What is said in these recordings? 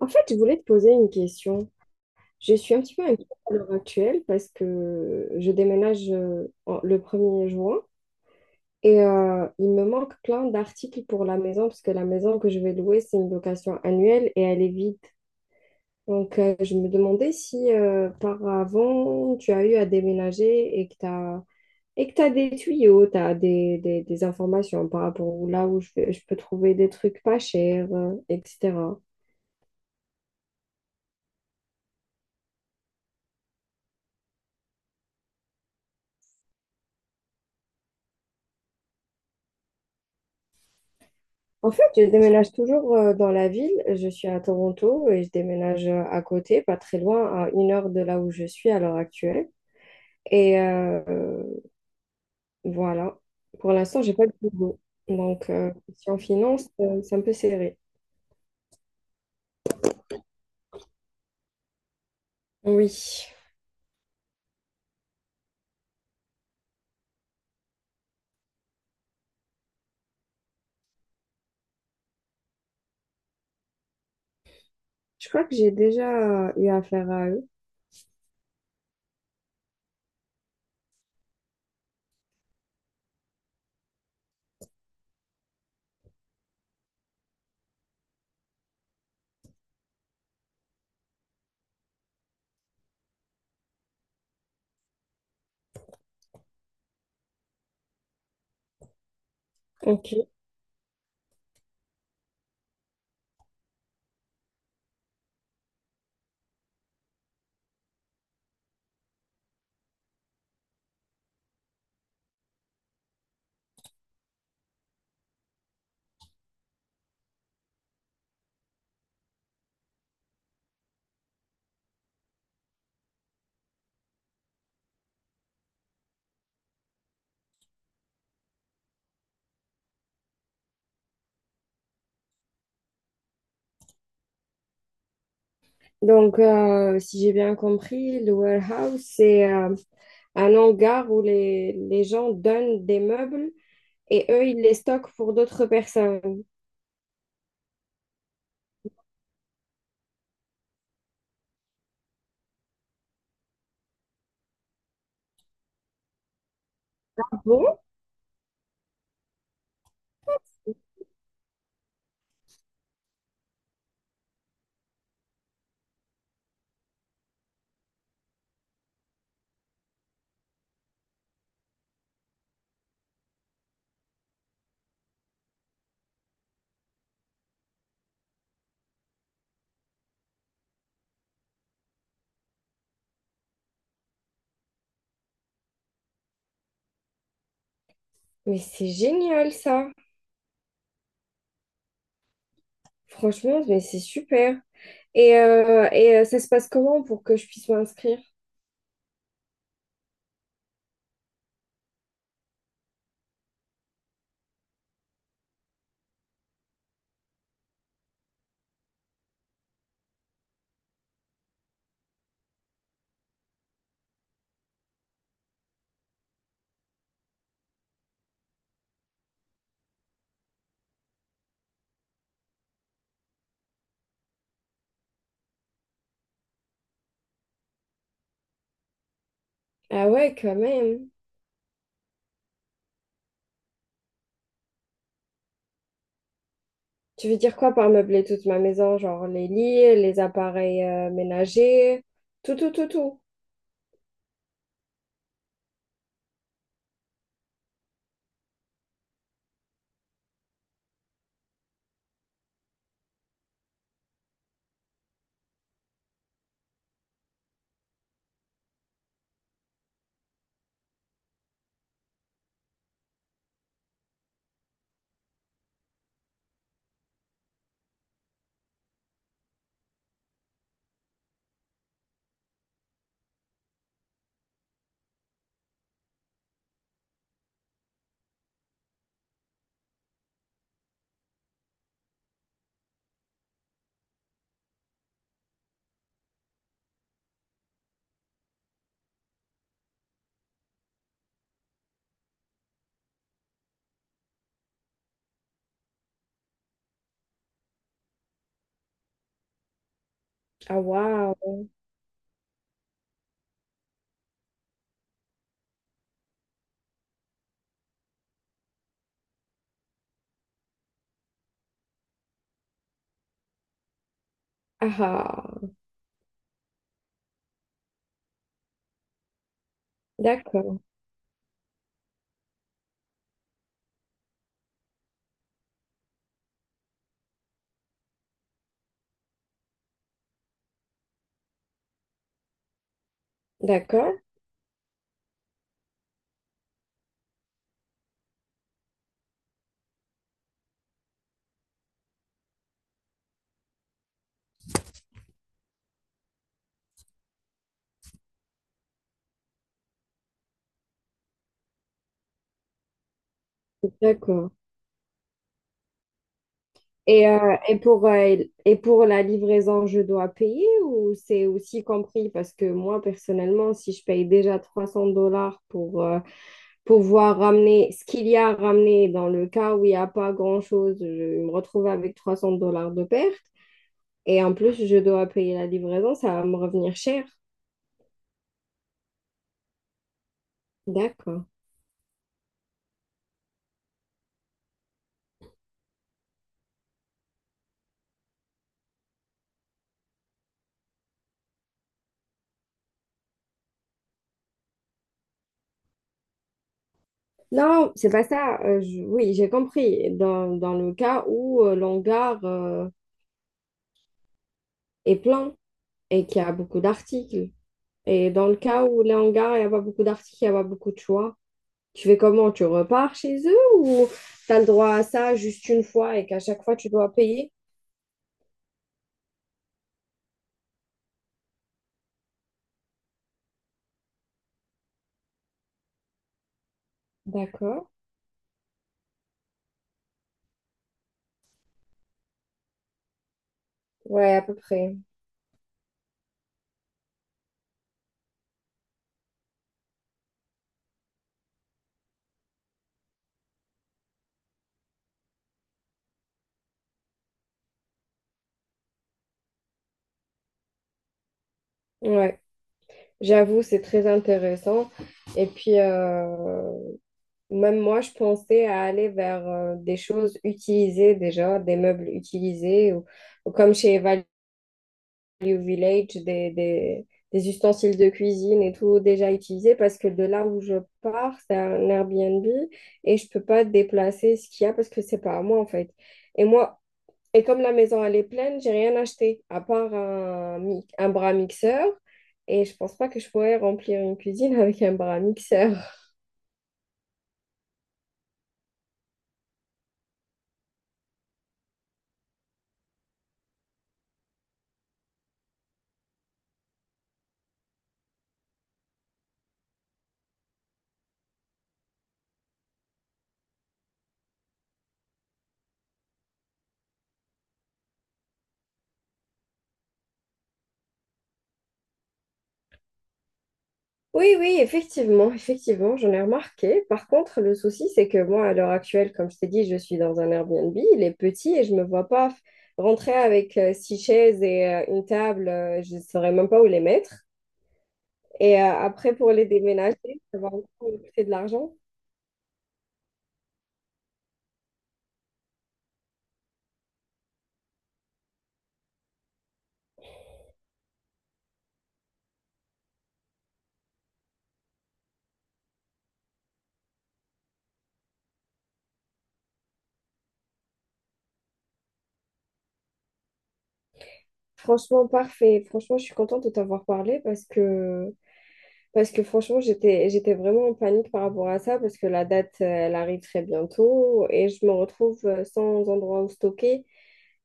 En fait, je voulais te poser une question. Je suis un petit peu inquiète à l'heure actuelle parce que je déménage le 1er juin et il me manque plein d'articles pour la maison parce que la maison que je vais louer, c'est une location annuelle et elle est vide. Je me demandais si par avant, tu as eu à déménager et que tu as, et que t'as des tuyaux, tu as des informations par rapport à là où je peux trouver des trucs pas chers, etc. En fait, je déménage toujours dans la ville. Je suis à Toronto et je déménage à côté, pas très loin, à une heure de là où je suis à l'heure actuelle. Et euh, euh, voilà. Pour l'instant, j'ai pas de boulot. Donc, euh, si en finance, c'est un peu serré. Oui. Je crois que j'ai déjà eu affaire à eux. Ok. Si j'ai bien compris, le warehouse, c'est un hangar où les gens donnent des meubles et eux, ils les stockent pour d'autres personnes. Bon. Mais c'est génial ça. Franchement, mais c'est super. Ça se passe comment pour que je puisse m'inscrire? Ah ouais, quand même. Tu veux dire quoi par meubler toute ma maison? Genre les lits, les appareils ménagers, tout, tout, tout, tout. Ah waouh. Ah, ah. D'accord. D'accord. D'accord. Et, euh, et pour, euh, et pour la livraison, je dois payer ou c'est aussi compris? Parce que moi, personnellement, si je paye déjà 300 dollars pour... pouvoir ramener ce qu'il y a à ramener dans le cas où il n'y a pas grand-chose, je me retrouve avec 300 dollars de perte. Et en plus, je dois payer la livraison, ça va me revenir cher. D'accord. Non, c'est pas ça. Oui, j'ai compris. Dans le cas où l'hangar est plein et qu'il y a beaucoup d'articles. Et dans le cas où l'hangar il n'y a pas beaucoup d'articles, il n'y a pas beaucoup de choix. Tu fais comment? Tu repars chez eux ou tu as le droit à ça juste une fois et qu'à chaque fois, tu dois payer? D'accord. Ouais, à peu près. Ouais. J'avoue, c'est très intéressant. Et puis, euh, même moi, je pensais à aller vers des choses utilisées déjà, des meubles utilisés, ou comme chez Value Village, des ustensiles de cuisine et tout déjà utilisés, parce que de là où je pars, c'est un Airbnb et je peux pas déplacer ce qu'il y a parce que c'est pas à moi en fait. Et moi, et comme la maison, elle est pleine, j'ai rien acheté, à part un bras mixeur. Et je pense pas que je pourrais remplir une cuisine avec un bras mixeur. Oui, oui, effectivement, effectivement, j'en ai remarqué. Par contre, le souci, c'est que moi, à l'heure actuelle, comme je t'ai dit, je suis dans un Airbnb, il est petit et je me vois pas f- rentrer avec 6 chaises et une table, je ne saurais même pas où les mettre. Après, pour les déménager, ça va encore me coûter de l'argent. Franchement, parfait. Franchement, je suis contente de t'avoir parlé parce que parce que franchement, j'étais vraiment en panique par rapport à ça, parce que la date, elle arrive très bientôt et je me retrouve sans endroit où stocker,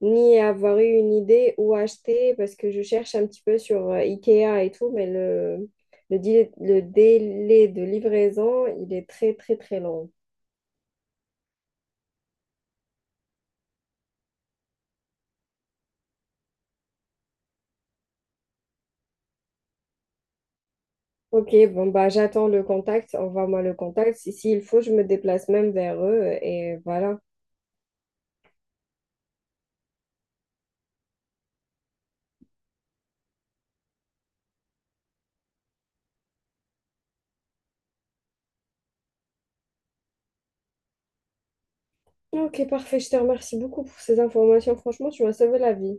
ni avoir eu une idée où acheter, parce que je cherche un petit peu sur Ikea et tout, mais délai, le délai de livraison, il est très, très, très long. Ok, bon, bah, j'attends le contact, envoie-moi le contact. Si, s'il faut, je me déplace même vers eux et voilà. Ok, parfait. Je te remercie beaucoup pour ces informations. Franchement, tu m'as sauvé la vie.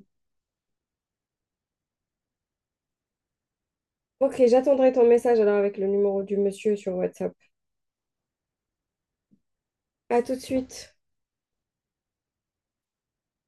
Ok, j'attendrai ton message alors avec le numéro du monsieur sur WhatsApp. À tout de suite.